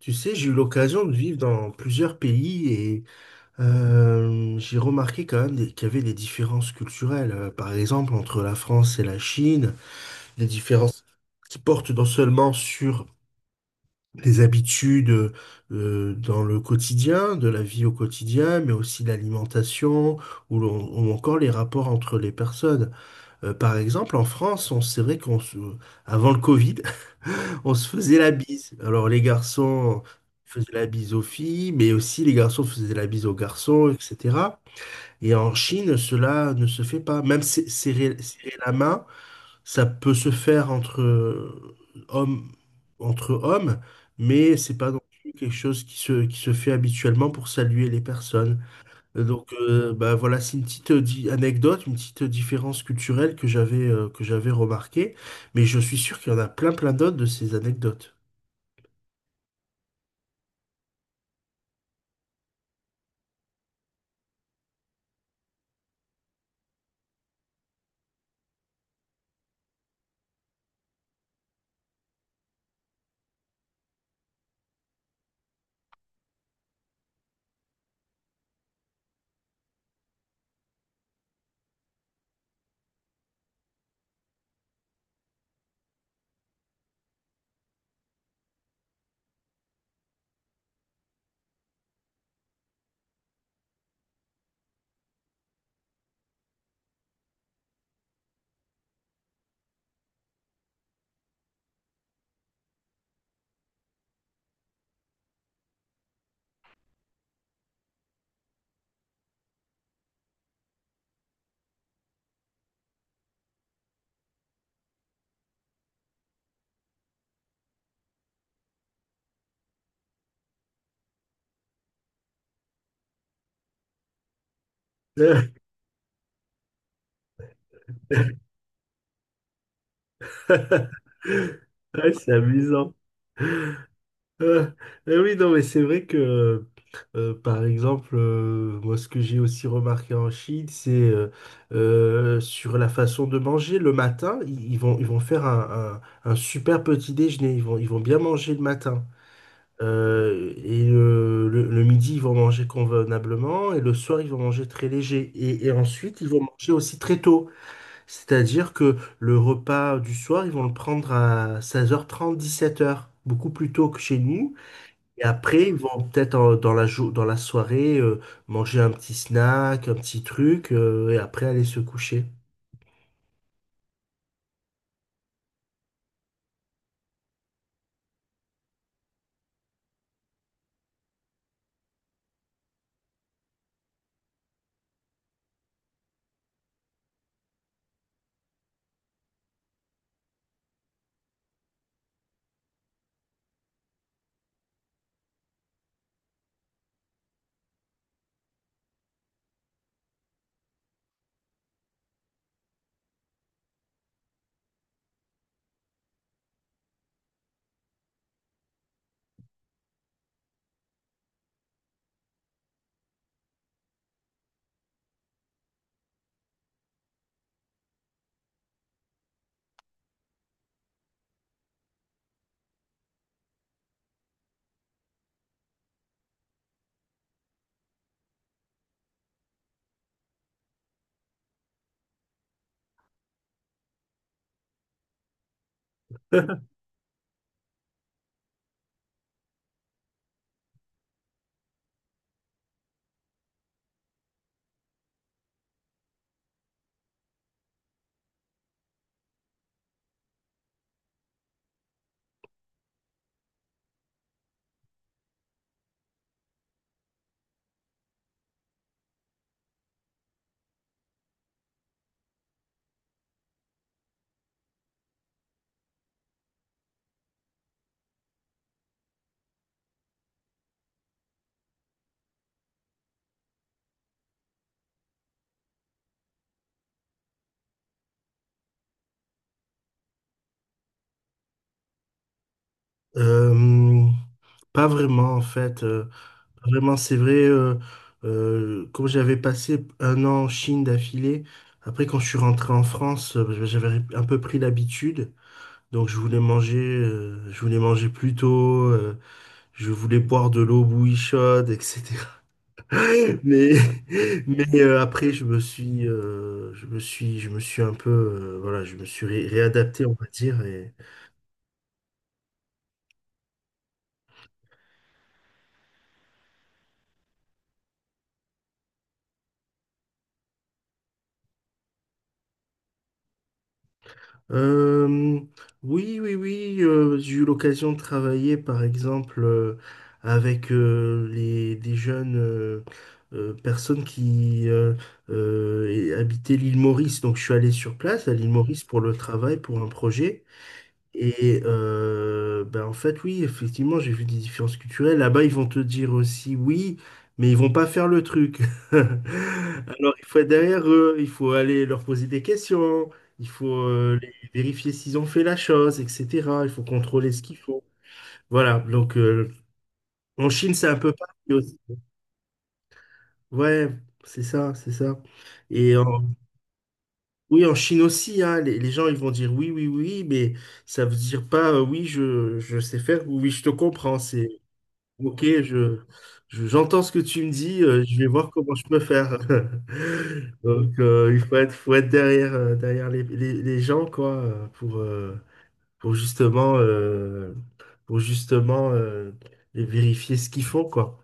Tu sais, j'ai eu l'occasion de vivre dans plusieurs pays et j'ai remarqué quand même qu'il y avait des différences culturelles. Par exemple, entre la France et la Chine, des différences qui portent non seulement sur les habitudes dans le quotidien, de la vie au quotidien, mais aussi l'alimentation ou, ou encore les rapports entre les personnes. Par exemple, en France, on c'est vrai avant le Covid, on se faisait la bise. Alors les garçons faisaient la bise aux filles, mais aussi les garçons faisaient la bise aux garçons, etc. Et en Chine, cela ne se fait pas. Même serrer la main, ça peut se faire entre hommes, entre hommes, mais c'est pas non plus quelque chose qui se fait habituellement pour saluer les personnes. Donc bah voilà, c'est une petite anecdote, une petite différence culturelle que j'avais remarquée, mais je suis sûr qu'il y en a plein plein d'autres de ces anecdotes. Euh, Ouais, c'est amusant. Euh, eh oui, non, mais c'est vrai que par exemple, moi, ce que j'ai aussi remarqué en Chine, c'est sur la façon de manger. Le matin, ils vont faire un super petit déjeuner. Ils vont bien manger le matin. Le midi, ils vont manger convenablement. Et le soir, ils vont manger très léger. Et ensuite, ils vont manger aussi très tôt. C'est-à-dire que le repas du soir, ils vont le prendre à 16h30, 17h, beaucoup plus tôt que chez nous. Et après, ils vont peut-être dans dans la soirée manger un petit snack, un petit truc, et après aller se coucher. Euh, Pas vraiment, en fait. Pas vraiment, C'est vrai, comme j'avais passé un an en Chine d'affilée, après quand je suis rentré en France, bah, j'avais un peu pris l'habitude. Donc je voulais manger plus tôt. Je voulais boire de l'eau bouillie chaude, etc. Mais, mais après, je me suis un peu, voilà, je me suis réadapté, on va dire. Et, Euh, oui, j'ai eu l'occasion de travailler, par exemple, avec des jeunes personnes qui habitaient l'île Maurice. Donc, je suis allé sur place à l'île Maurice pour le travail, pour un projet. Et ben en fait, oui, effectivement, j'ai vu des différences culturelles. Là-bas, ils vont te dire aussi oui, mais ils vont pas faire le truc. Alors, il faut être derrière eux, il faut aller leur poser des questions, il faut vérifier s'ils ont fait la chose, etc. Il faut contrôler ce qu'ils font. Voilà, en Chine, c'est un peu pareil aussi. Ouais, c'est ça. Et en- oui, en Chine aussi, hein, les gens, ils vont dire oui, oui, oui, mais ça veut dire pas oui, je sais faire ou oui, je te comprends. Ok, j'entends ce que tu me dis, je vais voir comment je peux faire. Donc, il faut être derrière, derrière les gens, quoi, pour justement, euh, pour justement vérifier ce qu'ils font, quoi.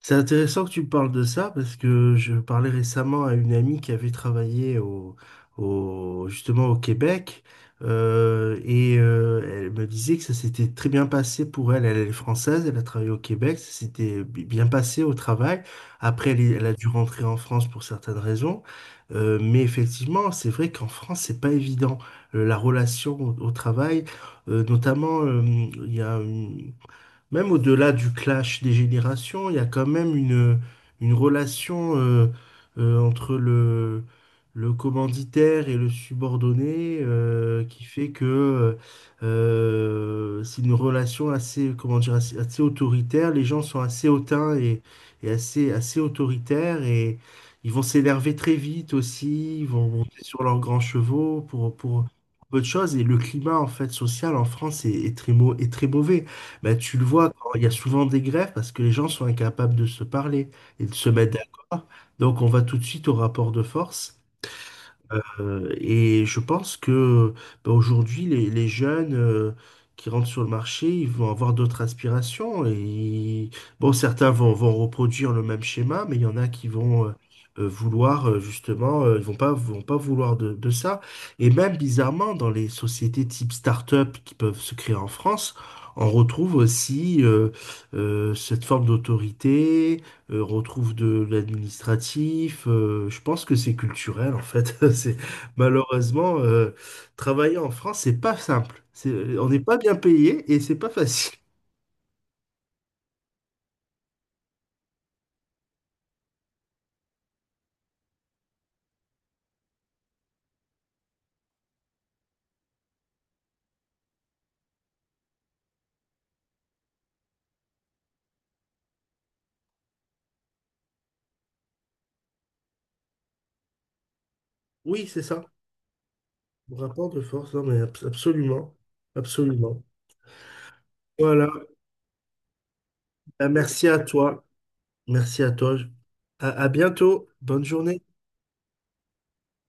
C'est intéressant que tu me parles de ça parce que je parlais récemment à une amie qui avait travaillé justement au Québec et elle me disait que ça s'était très bien passé pour elle. Elle est française, elle a travaillé au Québec, ça s'était bien passé au travail. Après, elle a dû rentrer en France pour certaines raisons. Mais effectivement, c'est vrai qu'en France, c'est pas évident. La relation au travail, notamment, il y a une- même au-delà du clash des générations, il y a quand même une relation entre le commanditaire et le subordonné qui fait que c'est une relation assez, comment dire, assez autoritaire. Les gens sont assez hautains et assez autoritaires et ils vont s'énerver très vite aussi, ils vont monter sur leurs grands chevaux pour peu de choses et le climat en fait social en France est est très mauvais. Bah, tu le vois, quand il y a souvent des grèves parce que les gens sont incapables de se parler et de se mettre d'accord. Donc on va tout de suite au rapport de force. Et je pense que ben, aujourd'hui, les jeunes qui rentrent sur le marché, ils vont avoir d'autres aspirations. Et bon, vont reproduire le même schéma, mais il y en a qui vont, ils vont pas vouloir de ça. Et même bizarrement, dans les sociétés type start-up qui peuvent se créer en France, on retrouve aussi cette forme d'autorité, on retrouve de l'administratif. Je pense que c'est culturel en fait. Malheureusement, travailler en France, c'est pas simple. On n'est pas bien payé et c'est pas facile. Oui, c'est ça. Rapport de force, non, mais absolument. Absolument. Voilà. Ben, merci à toi. Merci à toi. À bientôt. Bonne journée.